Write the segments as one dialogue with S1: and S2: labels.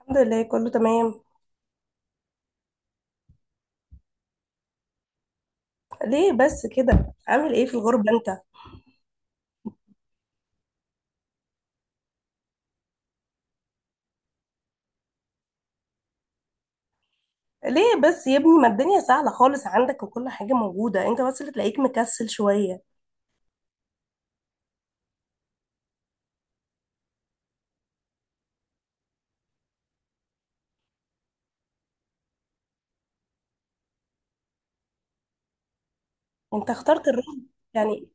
S1: الحمد لله، كله تمام. ليه بس كده؟ عامل ايه في الغربة انت؟ ليه بس يا ابني؟ ما الدنيا سهلة خالص عندك وكل حاجة موجودة، انت بس اللي تلاقيك مكسل شوية. انت اخترت الرز؟ يعني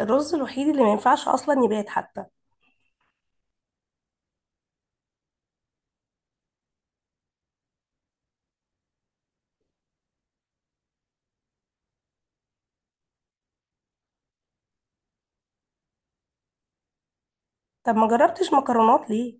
S1: الرز الوحيد اللي ما ينفعش اصلا يبات حتى. طب ما جربتش مكرونات ليه؟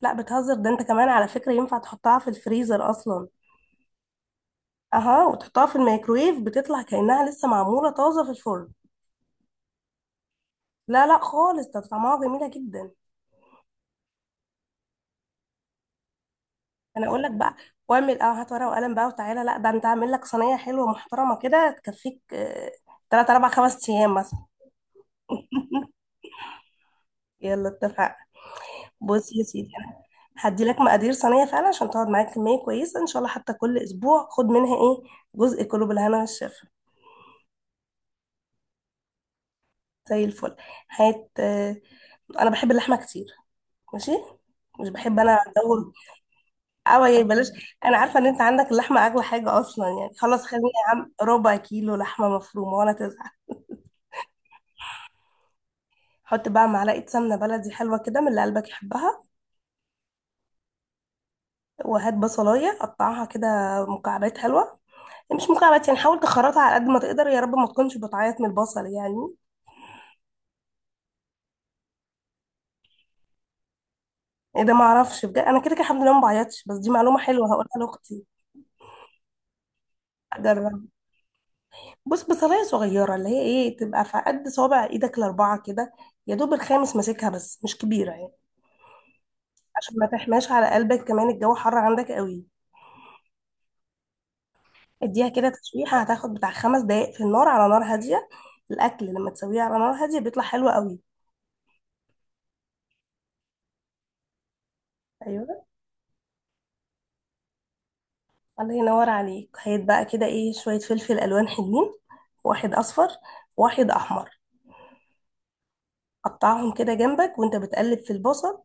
S1: لا بتهزر، ده انت كمان على فكرة ينفع تحطها في الفريزر اصلا. اها، وتحطها في الميكرويف بتطلع كأنها لسه معمولة طازة في الفرن. لا لا خالص، ده طعمها جميلة جدا. انا اقول لك بقى، واعمل اه هات ورقه وقلم بقى وتعالى. لا ده انت اعمل لك صينيه حلوه محترمه كده تكفيك تلات اربع خمس ايام مثلا. يلا اتفقنا. بص يا سيدي، انا هدي لك مقادير صينيه فعلا عشان تقعد معاك كميه كويسه ان شاء الله، حتى كل اسبوع خد منها ايه جزء، كله بالهنا والشفا. زي الفل. هات انا بحب اللحمه كتير، ماشي. مش بحب انا جو او يا بلاش. انا عارفه ان انت عندك اللحمه اغلى حاجه اصلا، يعني خلاص خليني يا عم ربع كيلو لحمه مفرومه ولا تزهق. حط بقى معلقة سمنة بلدي حلوة كده من اللي قلبك يحبها. وهات بصلاية قطعها كده مكعبات حلوة. مش مكعبات يعني، حاول تخرطها على قد ما تقدر. يا رب ما تكونش بتعيط من البصل يعني. ايه ده؟ ما اعرفش بجد، انا كده كده الحمد لله ما بعيطش، بس دي معلومة حلوة هقولها لاختي. اجرب. بص، بصلاية صغيرة اللي هي ايه، تبقى في قد صوابع ايدك ال4 كده، يا دوب الخامس ماسكها، بس مش كبيرة يعني، عشان ما تحماش على قلبك كمان الجو حر عندك قوي. اديها كده تشويحة، هتاخد بتاع 5 دقايق في النار على نار هادية. الأكل لما تسويه على نار هادية بيطلع حلو قوي. أيوة، الله ينور عليك. هيت بقى كده إيه شوية فلفل ألوان حلوين، واحد أصفر، واحد أحمر. قطعهم كده جنبك وأنت بتقلب في البصل،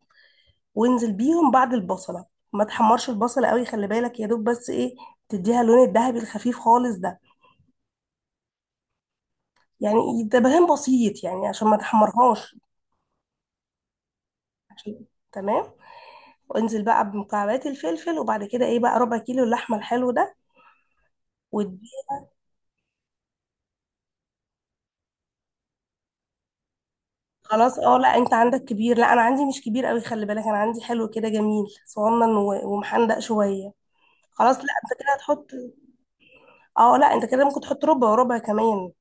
S1: وانزل بيهم بعد البصلة. ما تحمرش البصلة قوي، خلي بالك، يا دوب بس إيه تديها اللون الذهبي الخفيف خالص ده. يعني ده بهان بسيط يعني عشان ما تحمرهاش. عشان تمام. وانزل بقى بمكعبات الفلفل، وبعد كده ايه بقى ربع كيلو اللحمه الحلو ده واديه. خلاص اه، لا انت عندك كبير، لا انا عندي مش كبير قوي، خلي بالك، انا عندي حلو كده جميل صغنن و- ومحندق شويه. خلاص لا انت كده هتحط. اه لا، انت كده ممكن تحط ربع وربع كمان،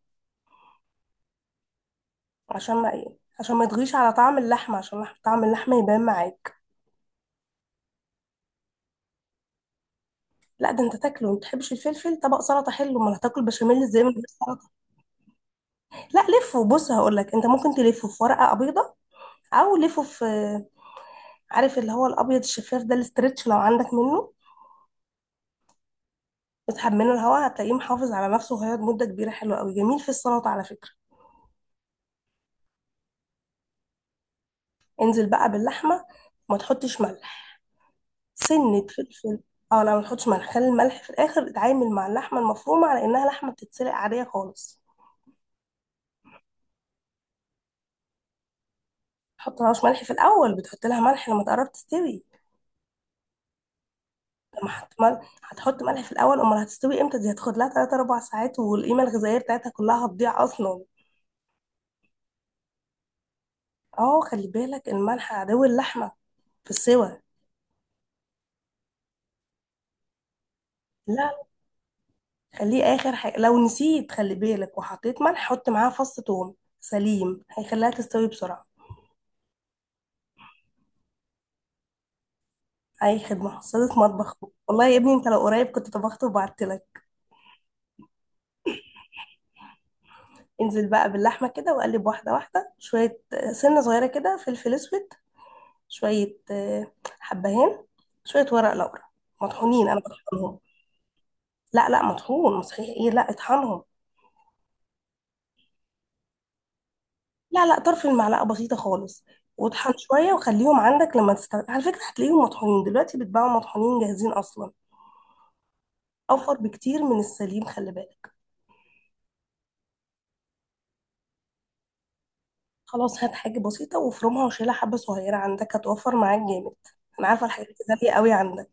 S1: عشان ما ايه، عشان ما يطغيش على طعم اللحمه، عشان طعم اللحمه يبان معاك. لا ده انت تاكله، ما بتحبش الفلفل؟ طبق سلطه حلو، امال هتاكل بشاميل ازاي من غير سلطه؟ لا لفه. بص هقول لك، انت ممكن تلفه في ورقه بيضه، او لفه في، عارف اللي هو الابيض الشفاف ده الاسترتش لو عندك منه. اسحب منه الهواء هتلاقيه محافظ على نفسه، وهيقعد مده كبيره حلوه قوي جميل في السلطه على فكره. انزل بقى باللحمه، وما تحطش ملح، سنه فلفل. اه لا ما تحطش ملح، خلي الملح في الاخر. اتعامل مع اللحمه المفرومه على انها لحمه بتتسلق عاديه خالص. تحط لهاش ملح في الاول، بتحط لها ملح لما تقرب تستوي. لما هتحط ملح في الاول، امال هتستوي امتى؟ دي هتاخد لها 3 4 ساعات، والقيمه الغذائيه بتاعتها كلها هتضيع اصلا. اه خلي بالك، الملح عدو اللحمه في السوى. لا خليه اخر حاجه، لو نسيت خلي بالك وحطيت ملح حط معاها فص ثوم سليم، هيخليها تستوي بسرعه. اي خدمه، صيدة مطبخ. والله يا ابني انت لو قريب كنت طبخت وبعت لك. انزل بقى باللحمه كده وقلب واحده واحده، شويه سنه صغيره كده فلفل اسود، شويه حبهان، شويه ورق لورا، مطحونين، انا بطحنهم. لا لا مطحون صحيح ايه، لا اطحنهم. لا لا طرف المعلقة بسيطة خالص. واطحن شوية وخليهم عندك لما تستخدم، على فكرة هتلاقيهم مطحونين دلوقتي، بيتباعوا مطحونين جاهزين أصلا. أوفر بكتير من السليم، خلي بالك. خلاص هات حاجة بسيطة وافرمها وشيلها، حبة صغيرة عندك هتوفر معاك جامد. أنا عارفة الحاجات دي غالية قوي عندك.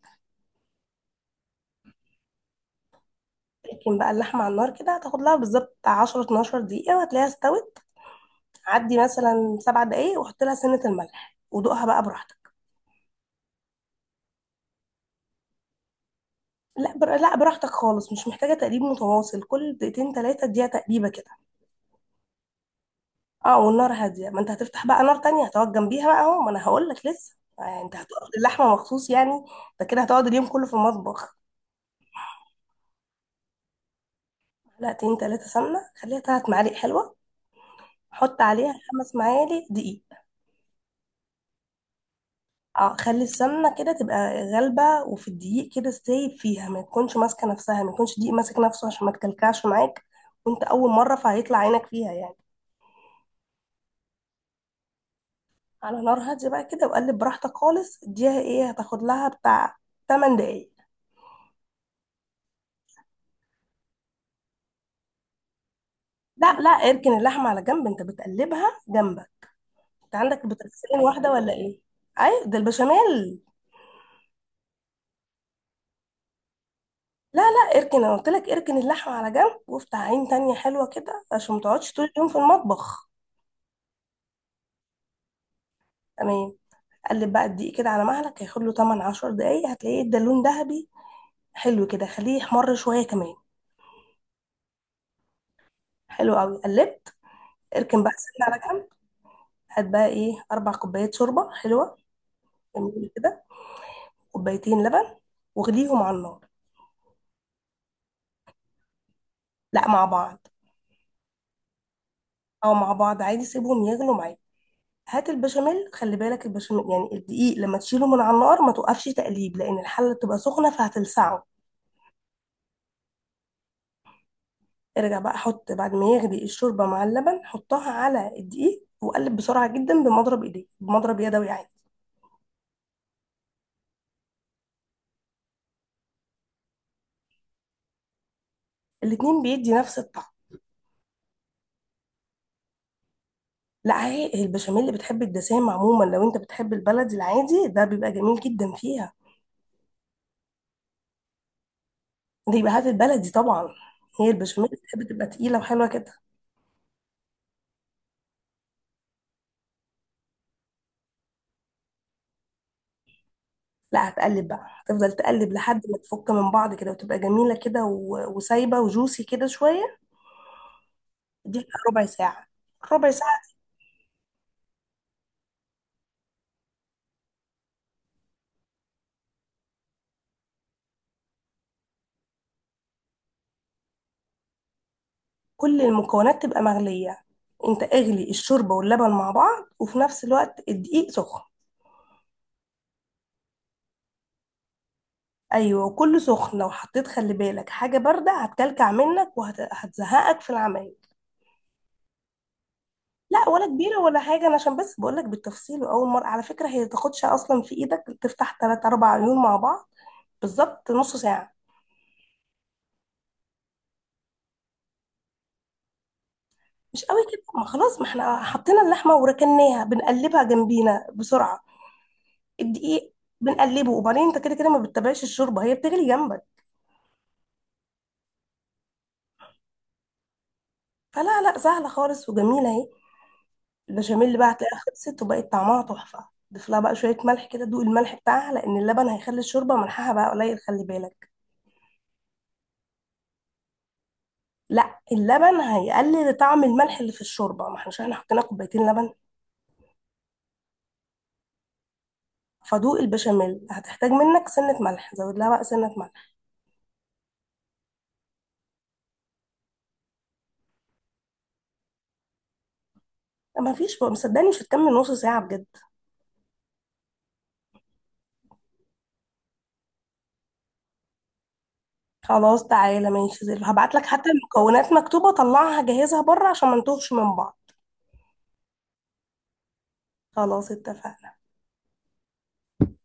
S1: لكن بقى اللحمة على النار كده هتاخد لها بالظبط 10 12 دقيقة وهتلاقيها استوت. عدي مثلا 7 دقايق وحط لها سنة الملح ودوقها بقى براحتك. لا براحتك خالص، مش محتاجة تقليب متواصل، كل دقيقتين تلاتة اديها تقليبة كده. اه والنار هادية، ما انت هتفتح بقى نار تانية هتقعد جنبيها بقى اهو، ما انا هقول لك لسه يعني، انت هتقف اللحمة مخصوص يعني. انت كده هتقعد اليوم كله في المطبخ. معلقتين تلاتة سمنة، خليها 3 معالق حلوة. حط عليها 5 معالق دقيق. اه خلي السمنة كده تبقى غالبة، وفي الدقيق كده سايب فيها، ما تكونش ماسكة نفسها، ما يكونش دقيق ماسك نفسه عشان ما تكلكعش معاك، وانت أول مرة فهيطلع عينك فيها يعني. على نار هادية بقى كده وقلب براحتك خالص، اديها ايه، هتاخد لها بتاع 8 دقايق. لا لا اركن اللحمة على جنب، انت بتقلبها جنبك. انت عندك بتغسلين واحدة ولا ايه؟ ايوه ده البشاميل. لا لا اركن، انا قلت لك اركن اللحمة على جنب، وافتح عين تانية حلوة كده عشان ما تقعدش طول اليوم في المطبخ. تمام. قلب بقى الدقيق كده على مهلك، هياخد له 8 10 دقايق هتلاقيه ادى لون ذهبي. حلو كده، خليه يحمر شوية كمان. حلو قوي، قلبت. اركن بقى السمنة على جنب. هات بقى ايه 4 كوبايات شوربة حلوة. جميل كده. كوبايتين لبن، واغليهم على النار. لا مع بعض. او مع بعض عادي، سيبهم يغلوا معاك. هات البشاميل، خلي بالك البشاميل يعني الدقيق لما تشيله من على النار ما توقفش تقليب، لان الحله بتبقى سخنه فهتلسعه. ارجع بقى، حط بعد ما يغلي الشوربه مع اللبن حطها على الدقيق وقلب بسرعه جدا بمضرب ايديك، بمضرب يدوي عادي. الاتنين بيدي نفس الطعم. لا هي البشاميل اللي بتحب الدسام عموما، لو انت بتحب البلدي العادي ده بيبقى جميل جدا فيها. ده يبقى هات البلدي طبعا. هي البشاميل بتحب تبقى تقيله وحلوه كده. لا هتقلب بقى، هتفضل تقلب لحد ما تفك من بعض كده وتبقى جميلة كده و- وسايبة وجوسي كده شوية. دي ربع ساعة. ربع ساعة. كل المكونات تبقى مغلية. انت اغلي الشوربة واللبن مع بعض، وفي نفس الوقت الدقيق سخن. ايوه وكله سخن، لو حطيت خلي بالك حاجة باردة هتكلكع منك وهتزهقك في العمايل. لا ولا كبيرة ولا حاجة، أنا عشان بس بقولك بالتفصيل، وأول مرة على فكرة هي تاخدش أصلا في إيدك، تفتح تلات أربع عيون مع بعض، بالظبط نص ساعة. مش قوي كده، ما خلاص، ما احنا حطينا اللحمه وركناها، بنقلبها جنبينا بسرعه. الدقيق بنقلبه، وبعدين انت كده كده ما بتتابعش الشوربه هي بتغلي جنبك. فلا لا سهله خالص وجميله اهي. البشاميل بقى هتلاقيها خلصت وبقت طعمها تحفه. ضيف لها بقى شويه ملح كده، دوق الملح بتاعها، لان اللبن هيخلي الشوربه ملحها بقى قليل، خلي بالك. لا اللبن هيقلل طعم الملح اللي في الشوربه، ما احنا مش احنا حطينا كوبايتين لبن. فدوق البشاميل هتحتاج منك سنه ملح، زود لها بقى سنه ملح. ما فيش، بقى مصدقني مش هتكمل نص ساعه بجد. خلاص تعالى ماشي، زي هبعت لك حتى المكونات مكتوبة، طلعها جهزها بره عشان ما نتوهش من بعض. خلاص اتفقنا.